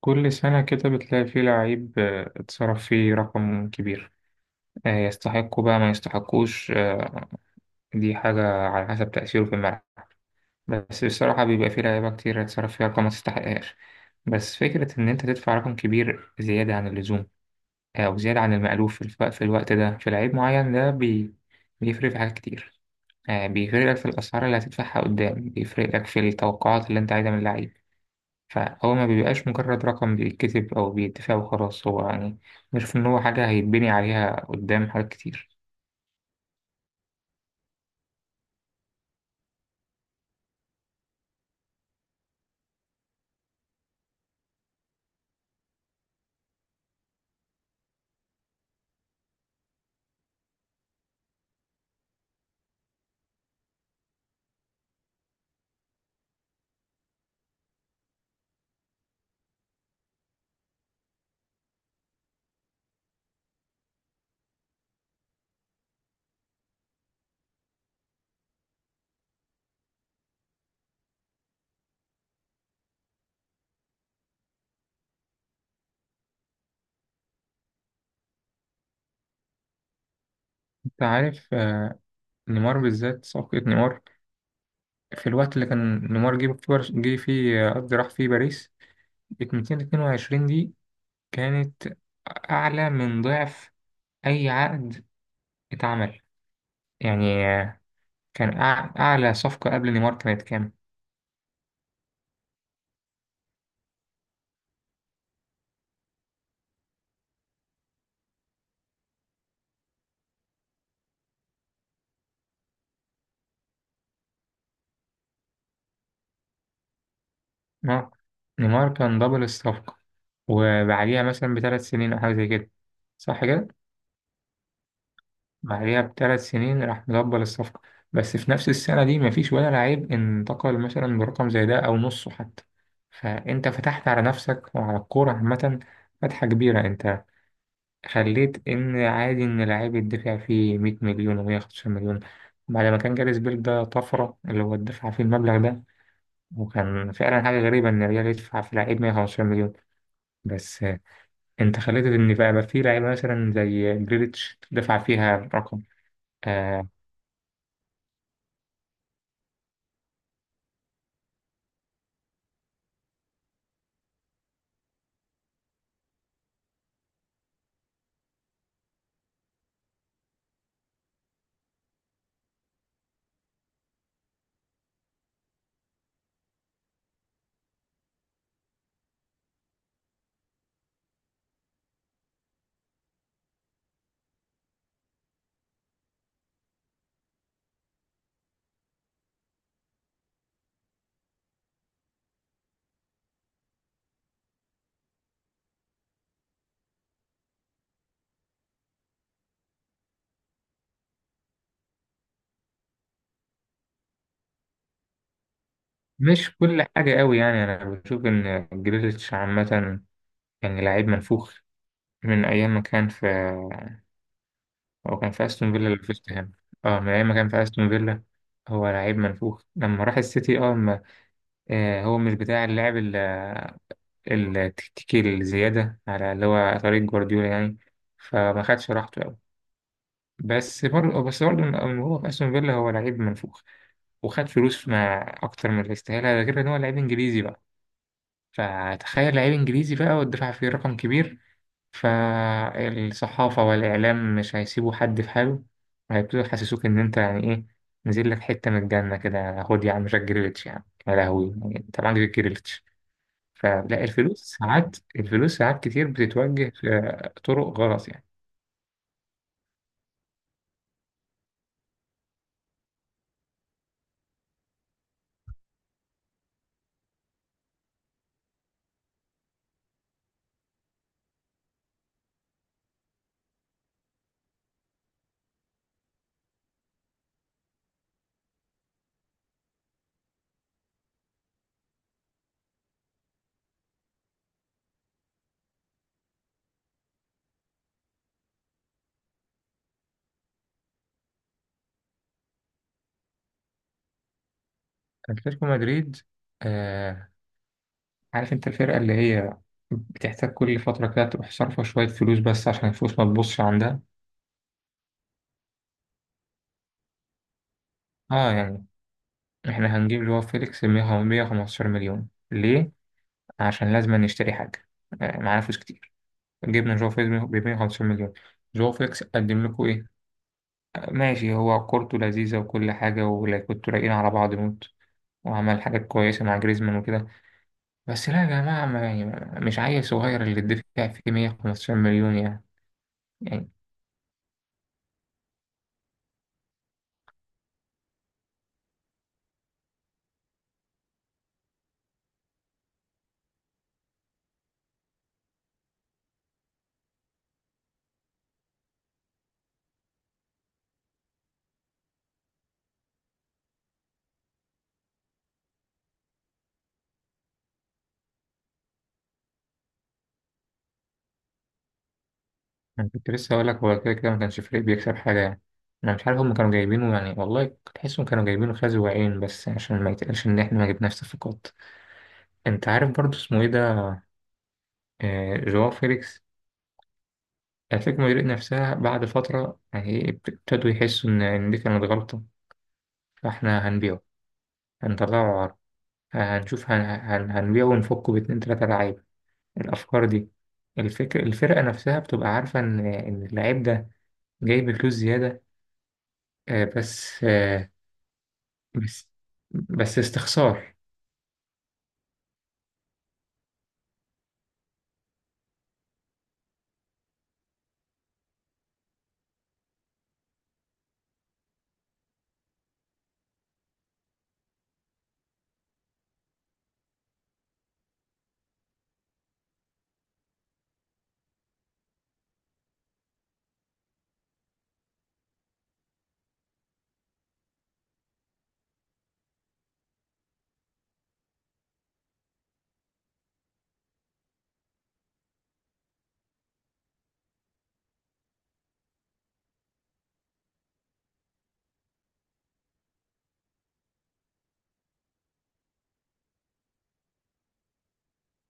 كل سنة كده بتلاقي فيه لعيب، اتصرف فيه رقم كبير. يستحقه بقى ما يستحقوش. دي حاجة على حسب تأثيره في الملعب. بس بصراحة بيبقى فيه لعيبة كتير اتصرف فيها رقم ما تستحقهاش. بس فكرة إن أنت تدفع رقم كبير زيادة عن اللزوم، أو زيادة عن المألوف في الوقت ده في لعيب معين ده، بيفرق في حاجات كتير. بيفرق لك في الأسعار اللي هتدفعها قدام، بيفرق لك في التوقعات اللي أنت عايزها من اللعيب. فهو ما بيبقاش مجرد رقم بيتكتب أو بيتفق وخلاص، هو يعني غير إن هو حاجة هيتبني عليها قدام حاجات كتير. أنت عارف. نيمار بالذات، صفقة نيمار. في الوقت اللي كان نيمار جه فيه، قصدي راح فيه باريس، 222 دي كانت أعلى من ضعف أي عقد اتعمل. يعني، كان أعلى صفقة قبل نيمار كانت كام؟ آه، نيمار كان دبل الصفقة، وبعديها مثلا بثلاث سنين أو حاجة زي كده، صح كده؟ بعديها بثلاث سنين راح مدبل الصفقة. بس في نفس السنة دي مفيش ولا لعيب انتقل مثلا برقم زي ده أو نصه حتى. فأنت فتحت على نفسك وعلى الكورة عامة فتحة كبيرة. أنت خليت إن عادي إن لعيب يدفع فيه 100 مليون و115 مليون بعد ما كان جاريس بيل ده طفرة اللي هو دفع فيه المبلغ ده. وكان فعلا حاجة غريبة إن الريال يدفع في لعيب 115 مليون. بس، أنت خليت إن بقى في لعيبة مثلا زي جريليتش دفع فيها رقم. آه، مش كل حاجة قوي يعني، أنا بشوف إن جريليتش عامة يعني لعيب منفوخ من أيام ما كان في هو كان في أستون فيلا اللي فزت هنا. من أيام ما كان في أستون فيلا هو لعيب منفوخ. لما راح السيتي، أه ما هو مش بتاع اللعب التكتيكي الزيادة على اللي هو طريق جوارديولا، يعني فما خدش راحته أوي. بس برضه من هو في أستون فيلا هو لعيب منفوخ، وخد فلوس مع أكتر من اللي يستاهلها، ده غير إن هو لعيب إنجليزي بقى. فتخيل لعيب انجليزي بقى والدفاع فيه رقم كبير، فالصحافة والإعلام مش هيسيبوا حد في حاله، هيبتدوا يحسسوك إن أنت يعني إيه، نزل لك حتة من الجنة كده. خد يا عم جاك جريليتش، يا عم يا لهوي، يعني أنت معاك جاك جريليتش. فلا، الفلوس ساعات كتير بتتوجه في طرق غلط يعني. أتلتيكو مدريد. آه عارف أنت الفرقة اللي هي بتحتاج كل فترة كده تروح صارفة شوية فلوس بس عشان الفلوس ما تبصش عندها. اه يعني احنا هنجيب اللي هو فيليكس 115 مليون ليه؟ عشان لازم نشتري حاجة، معانا فلوس كتير. جبنا جواو فيليكس ب 115 مليون، جواو فيليكس قدم لكم ايه؟ ماشي، هو كورته لذيذة وكل حاجة، ولا كنتوا رايقين على بعض موت وعمل حاجات كويسة مع جريزمان وكده. بس لا يا جماعة، ما يعني مش عيل صغير اللي تدفع فيه 115 مليون يعني. يعني انا كنت لسه هقول لك، هو كده كده ما كانش فريق بيكسب حاجه يعني. انا مش عارف هم كانوا جايبينه، يعني والله كنت تحسهم كانوا جايبينه خازي وعين، بس عشان ما يتقالش ان احنا ما جبناش صفقات. انت عارف برضو اسمه ايه ده، آه، جواو فيليكس. اتلتيكو مدريد نفسها بعد فتره، يعني إيه، ابتدوا يحسوا ان دي كانت غلطه، فاحنا هنبيعه، هنطلعه عرض، هنشوف هنبيعه ونفكه باتنين تلاته لعيبه. الافكار دي، الفكر الفرقه نفسها بتبقى عارفه ان اللعيب ده جايب فلوس زياده. بس، بس بس استخسار.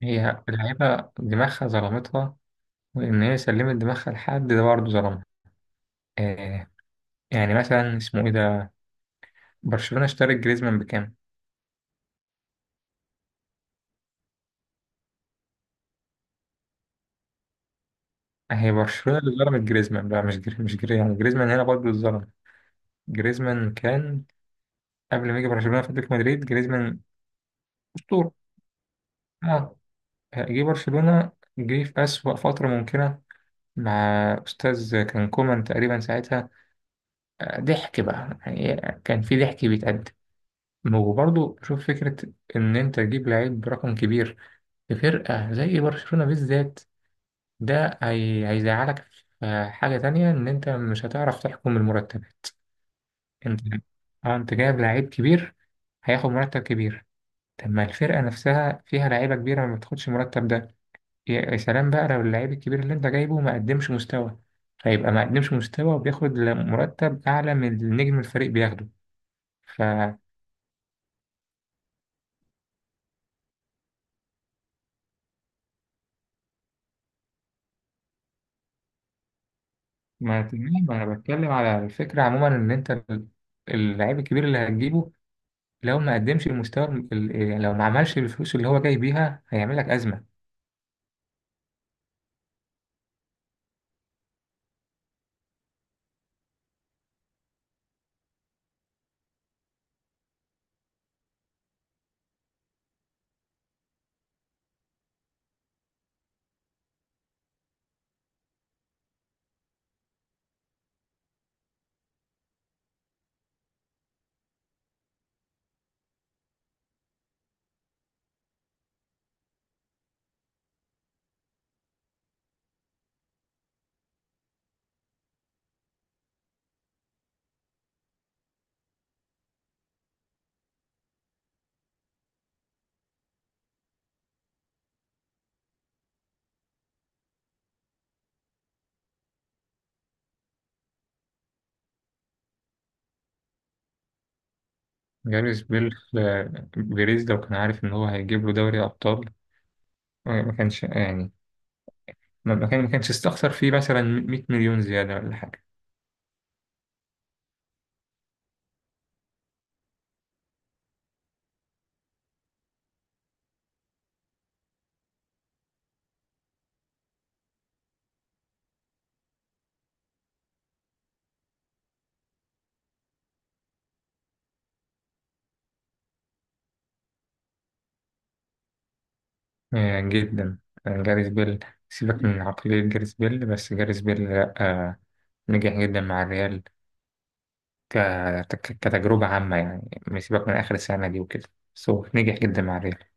هي اللعيبة دماغها ظلمتها، وإن هي سلمت دماغها لحد ده برضه ظلمها. آه يعني مثلا اسمه إيه ده، برشلونة اشترت جريزمان بكام؟ هي برشلونة اللي ظلمت جريزمان بقى، مش جري مش جري يعني جريزمان هنا برضه اتظلم. جريزمان كان قبل ما يجي برشلونة في أتلتيكو مدريد جريزمان أسطورة. اه، جه برشلونة، جه في أسوأ فترة ممكنة مع أستاذ كان كومان تقريبا ساعتها. ضحك بقى يعني، كان في ضحك بيتقدم. وبرضه شوف فكرة إن أنت تجيب لعيب برقم كبير في فرقة زي برشلونة بالذات، ده هيزعلك في حاجة تانية إن أنت مش هتعرف تحكم المرتبات. أنت أنت جايب لعيب كبير، هياخد مرتب كبير. طب ما الفرقة نفسها فيها لعيبة كبيرة ما بتاخدش المرتب ده. يا سلام بقى لو اللعيب الكبير اللي أنت جايبه ما قدمش مستوى، فيبقى ما قدمش مستوى وبياخد مرتب أعلى من النجم الفريق بياخده. ف... ما تمام، ما انا بتكلم على الفكره عموما ان انت اللاعب الكبير اللي هتجيبه، لو ما قدمش المستوى، لو ما عملش الفلوس اللي هو جاي بيها هيعمل لك ازمه. جاريس بيل، بيريز لو كان عارف ان هو هيجيب له دوري ابطال، ما كانش يعني ما كانش استخسر فيه مثلا 100 مليون زياده ولا حاجه. جدا. جاريس بيل، سيبك من عقليه جاريس بيل، بس جاريس بيل لا نجح جدا مع الريال. ك... كتجربة عامة يعني، ما سيبك من آخر السنة دي وكده، بس هو نجح جدا مع الريال.